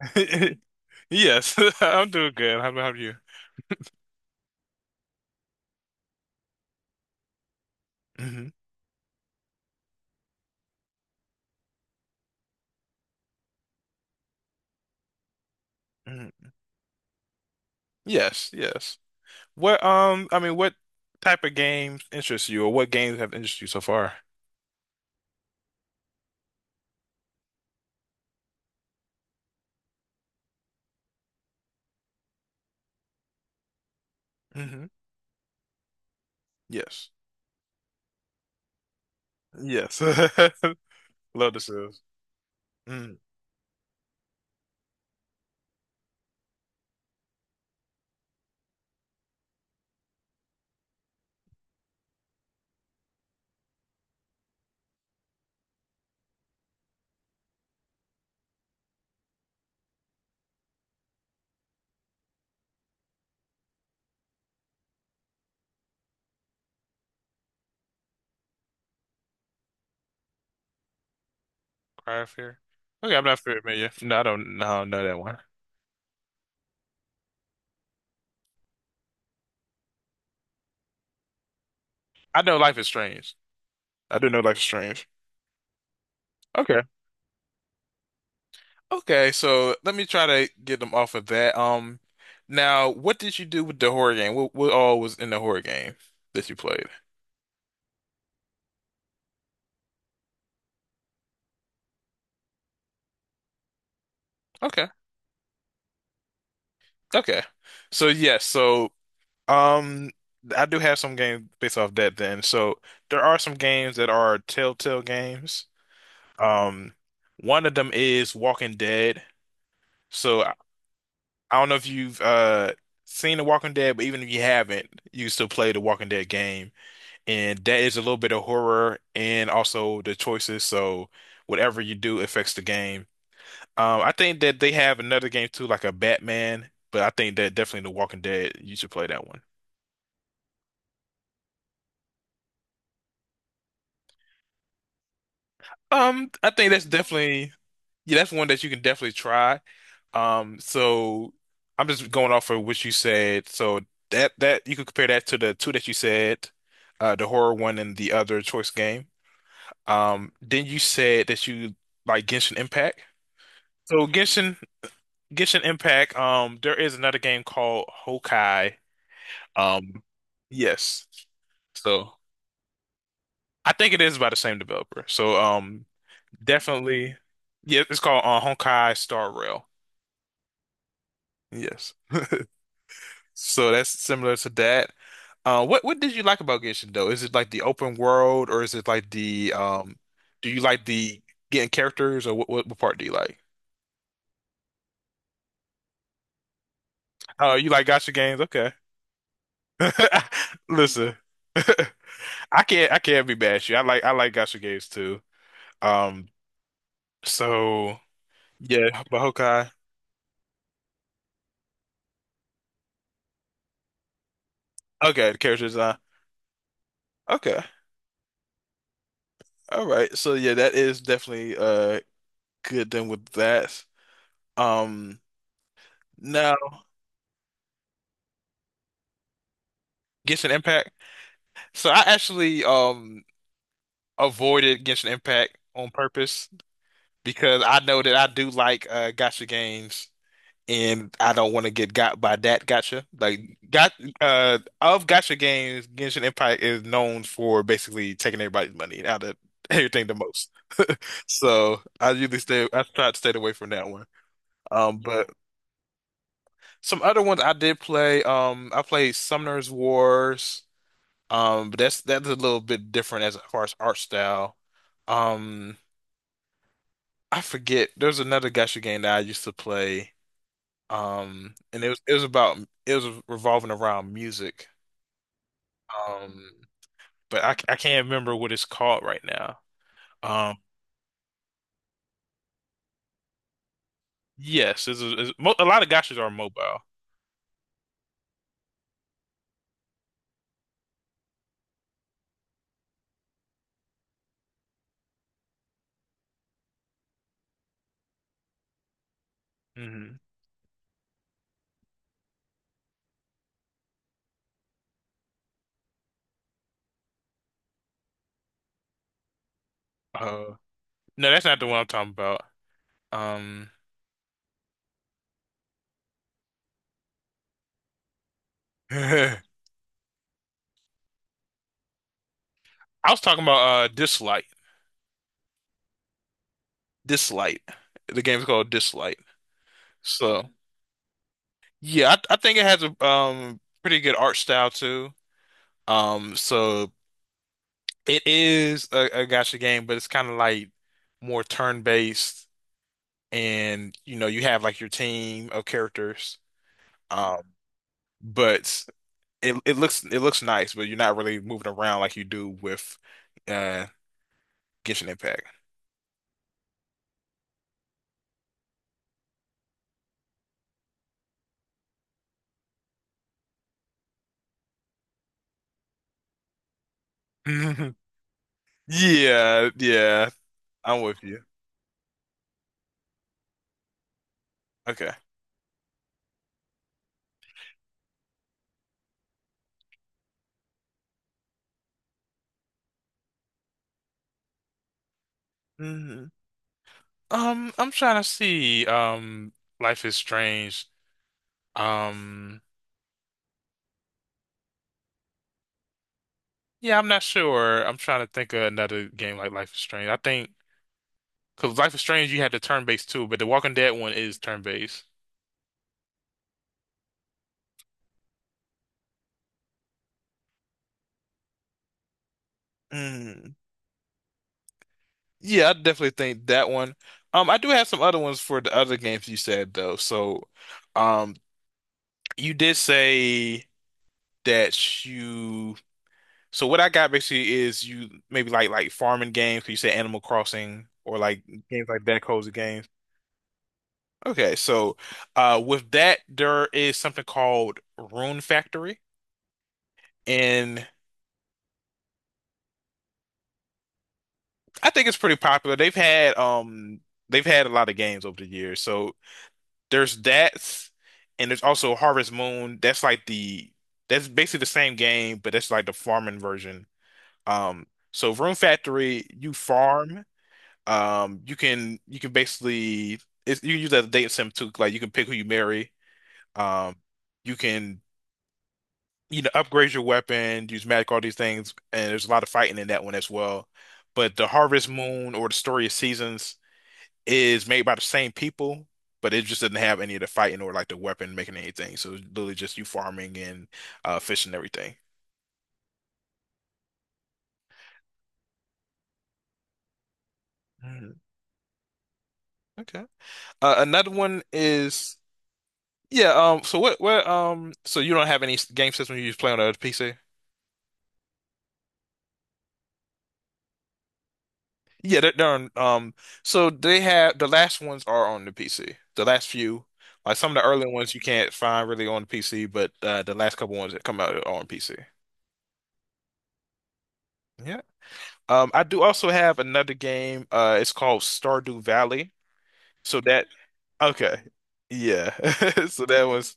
Yes, I'm doing good. How about you? Hmm hmm. Yes, yes. What type of games interest you, or what games have interested you so far? Hmm. Yes, yes. Love the Sims. Mm. Cry of Fear. Okay, I'm not familiar. No, I don't. No, I don't know that one. I know Life is Strange. I do know Life is Strange. Okay. Okay, so let me try to get them off of that. Now, what did you do with the horror game? What all was in the horror game that you played? Okay. Okay. So yes, so um I do have some games based off that then. So there are some games that are Telltale games. Um, one of them is Walking Dead. So I don't know if you've seen The Walking Dead, but even if you haven't, you can still play the Walking Dead game. And that is a little bit of horror and also the choices. So whatever you do affects the game. I think that they have another game too, like a Batman, but I think that definitely The Walking Dead, you should play that one. I think that's definitely yeah, that's one that you can definitely try. So I'm just going off of what you said. So that you could compare that to the two that you said, the horror one and the other choice game. Then you said that you like Genshin Impact. So Genshin Impact, there is another game called Hokai. Um, yes. So, I think it is by the same developer. So um, definitely yeah, it's called Honkai Star Rail. Yes. So that's similar to that. What did you like about Genshin though? Is it like the open world or is it like the do you like the getting characters or what part do you like? Oh, you like gacha games? Okay. Listen. I I can't be bad at you. I like gacha games too. Um, so yeah, but Honkai. Okay, the character design. Okay. All right. So yeah, that is definitely uh, good then with that. Um, now Genshin Impact. So I actually avoided Genshin Impact on purpose because I know that I do like gacha games and I don't want to get got by that gacha. Like got uh, of gacha games, Genshin Impact is known for basically taking everybody's money out of everything the most. So I try to stay away from that one. But some other ones I did play. I played Summoner's Wars. But that's a little bit different as far as art style. Um, I forget. There's another gacha game that I used to play. And it was about it was revolving around music. Um, but I can't remember what it's called right now. Um, yes, it's a, it's, mo- a lot of gachas are mobile. Hmm. Uh, no, that's not the one I'm talking about. Um, I was talking about Dislike. Dislight. The game's called Dislight. So yeah, I think it has a um, pretty good art style too. So it is a gacha game, but it's kind of like more turn-based, and you know you have like your team of characters. Um, but it looks it looks nice, but you're not really moving around like you do with uh Genshin Impact. Yeah, yeah, I'm with you. Okay. Mhm. I'm trying to see. Life is Strange. Um, yeah, I'm not sure. I'm trying to think of another game like Life is Strange. I think because Life is Strange, you had the turn-based too, but the Walking Dead one is turn-based. Mm. Yeah, I definitely think that one. I do have some other ones for the other games you said though. So, um, you did say that you. So what I got basically is you maybe like farming games. Could you say Animal Crossing or like games like that, cozy games? Okay, so with that, there is something called Rune Factory, and I think it's pretty popular. They've had a lot of games over the years. So there's that, and there's also Harvest Moon. That's like the that's basically the same game, but that's like the farming version. Um, so Rune Factory, you farm. You can basically you can use that as a dating sim too. Like you can pick who you marry. Um, you can you know, upgrade your weapon, use magic, all these things, and there's a lot of fighting in that one as well. But the Harvest Moon or the Story of Seasons is made by the same people, but it just doesn't have any of the fighting or like the weapon making anything. So it's literally just you farming and fishing and everything. Mm, okay. Another one is yeah. So what? What? So you don't have any game system you just play on the PC? Yeah, they're on, so they have the last ones are on the PC. The last few, like some of the early ones you can't find really on the PC, but the last couple ones that come out are on PC. Yeah. I do also have another game. It's called Stardew Valley. So that, okay. Yeah. So that one's,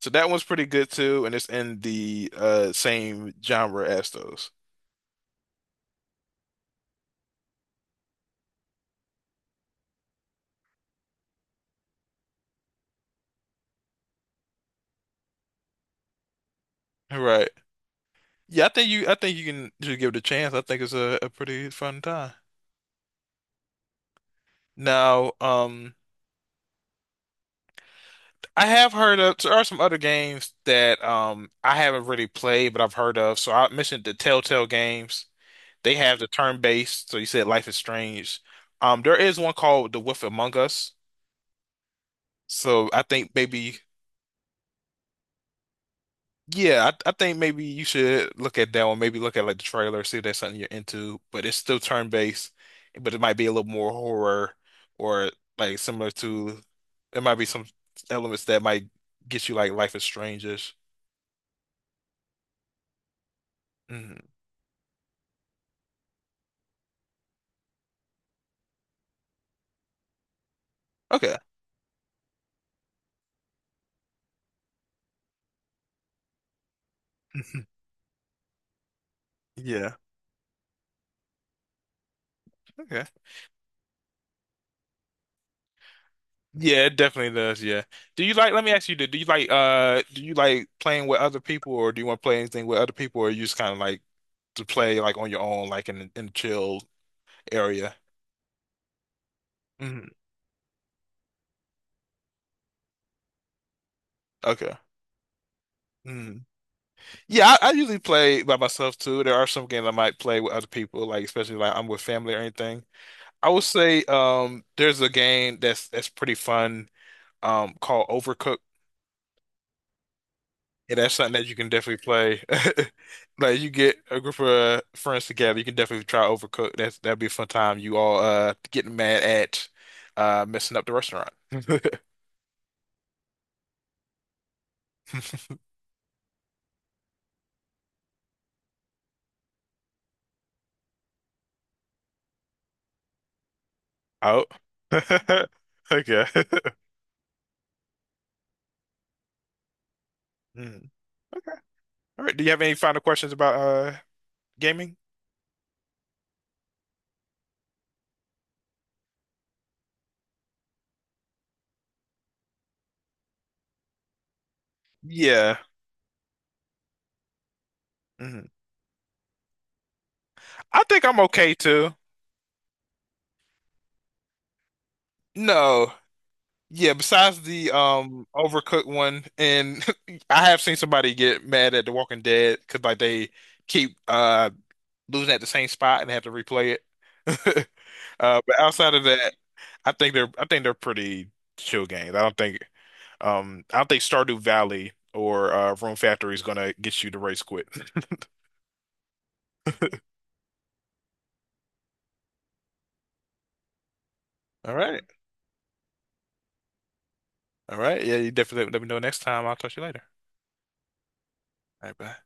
so that one's pretty good too, and it's in the uh, same genre as those. Right. Yeah, I think you can just give it a chance. I think it's a pretty fun time. Now, I have heard of, there are some other games that um, I haven't really played, but I've heard of. So I mentioned the Telltale games. They have the turn-based, so you said Life is Strange. There is one called The Wolf Among Us. So I think maybe, yeah, I think maybe you should look at that one. Maybe look at like the trailer, see if that's something you're into. But it's still turn-based, but it might be a little more horror or like similar to, there might be some elements that might get you like Life is Strange-ish. Mhm. Okay. Yeah. Okay. Yeah, it definitely does. Yeah. Do you like, let me ask you, do you like playing with other people or do you want to play anything with other people or you just kind of like to play like on your own, like in a chill area? Mhm. Okay. Mhm. Yeah, I usually play by myself too. There are some games I might play with other people, like especially like I'm with family or anything. I would say um, there's a game that's pretty fun um, called Overcooked. Yeah, that's something that you can definitely play. Like you get a group of friends together, you can definitely try Overcooked. That'd be a fun time. You all uh, getting mad at messing up the restaurant. Oh. Okay. Hmm. Okay. All right. Do you have any final questions about uh, gaming? Yeah. Mhm. I think I'm okay too. No. Yeah, besides the um, Overcooked one and I have seen somebody get mad at The Walking Dead because like they keep losing at the same spot and have to replay it. But outside of that, I think they're pretty chill games. I don't think Stardew Valley or Room Factory is gonna get you to race quit. All right, yeah, you definitely let me know next time. I'll talk to you later. All right, bye.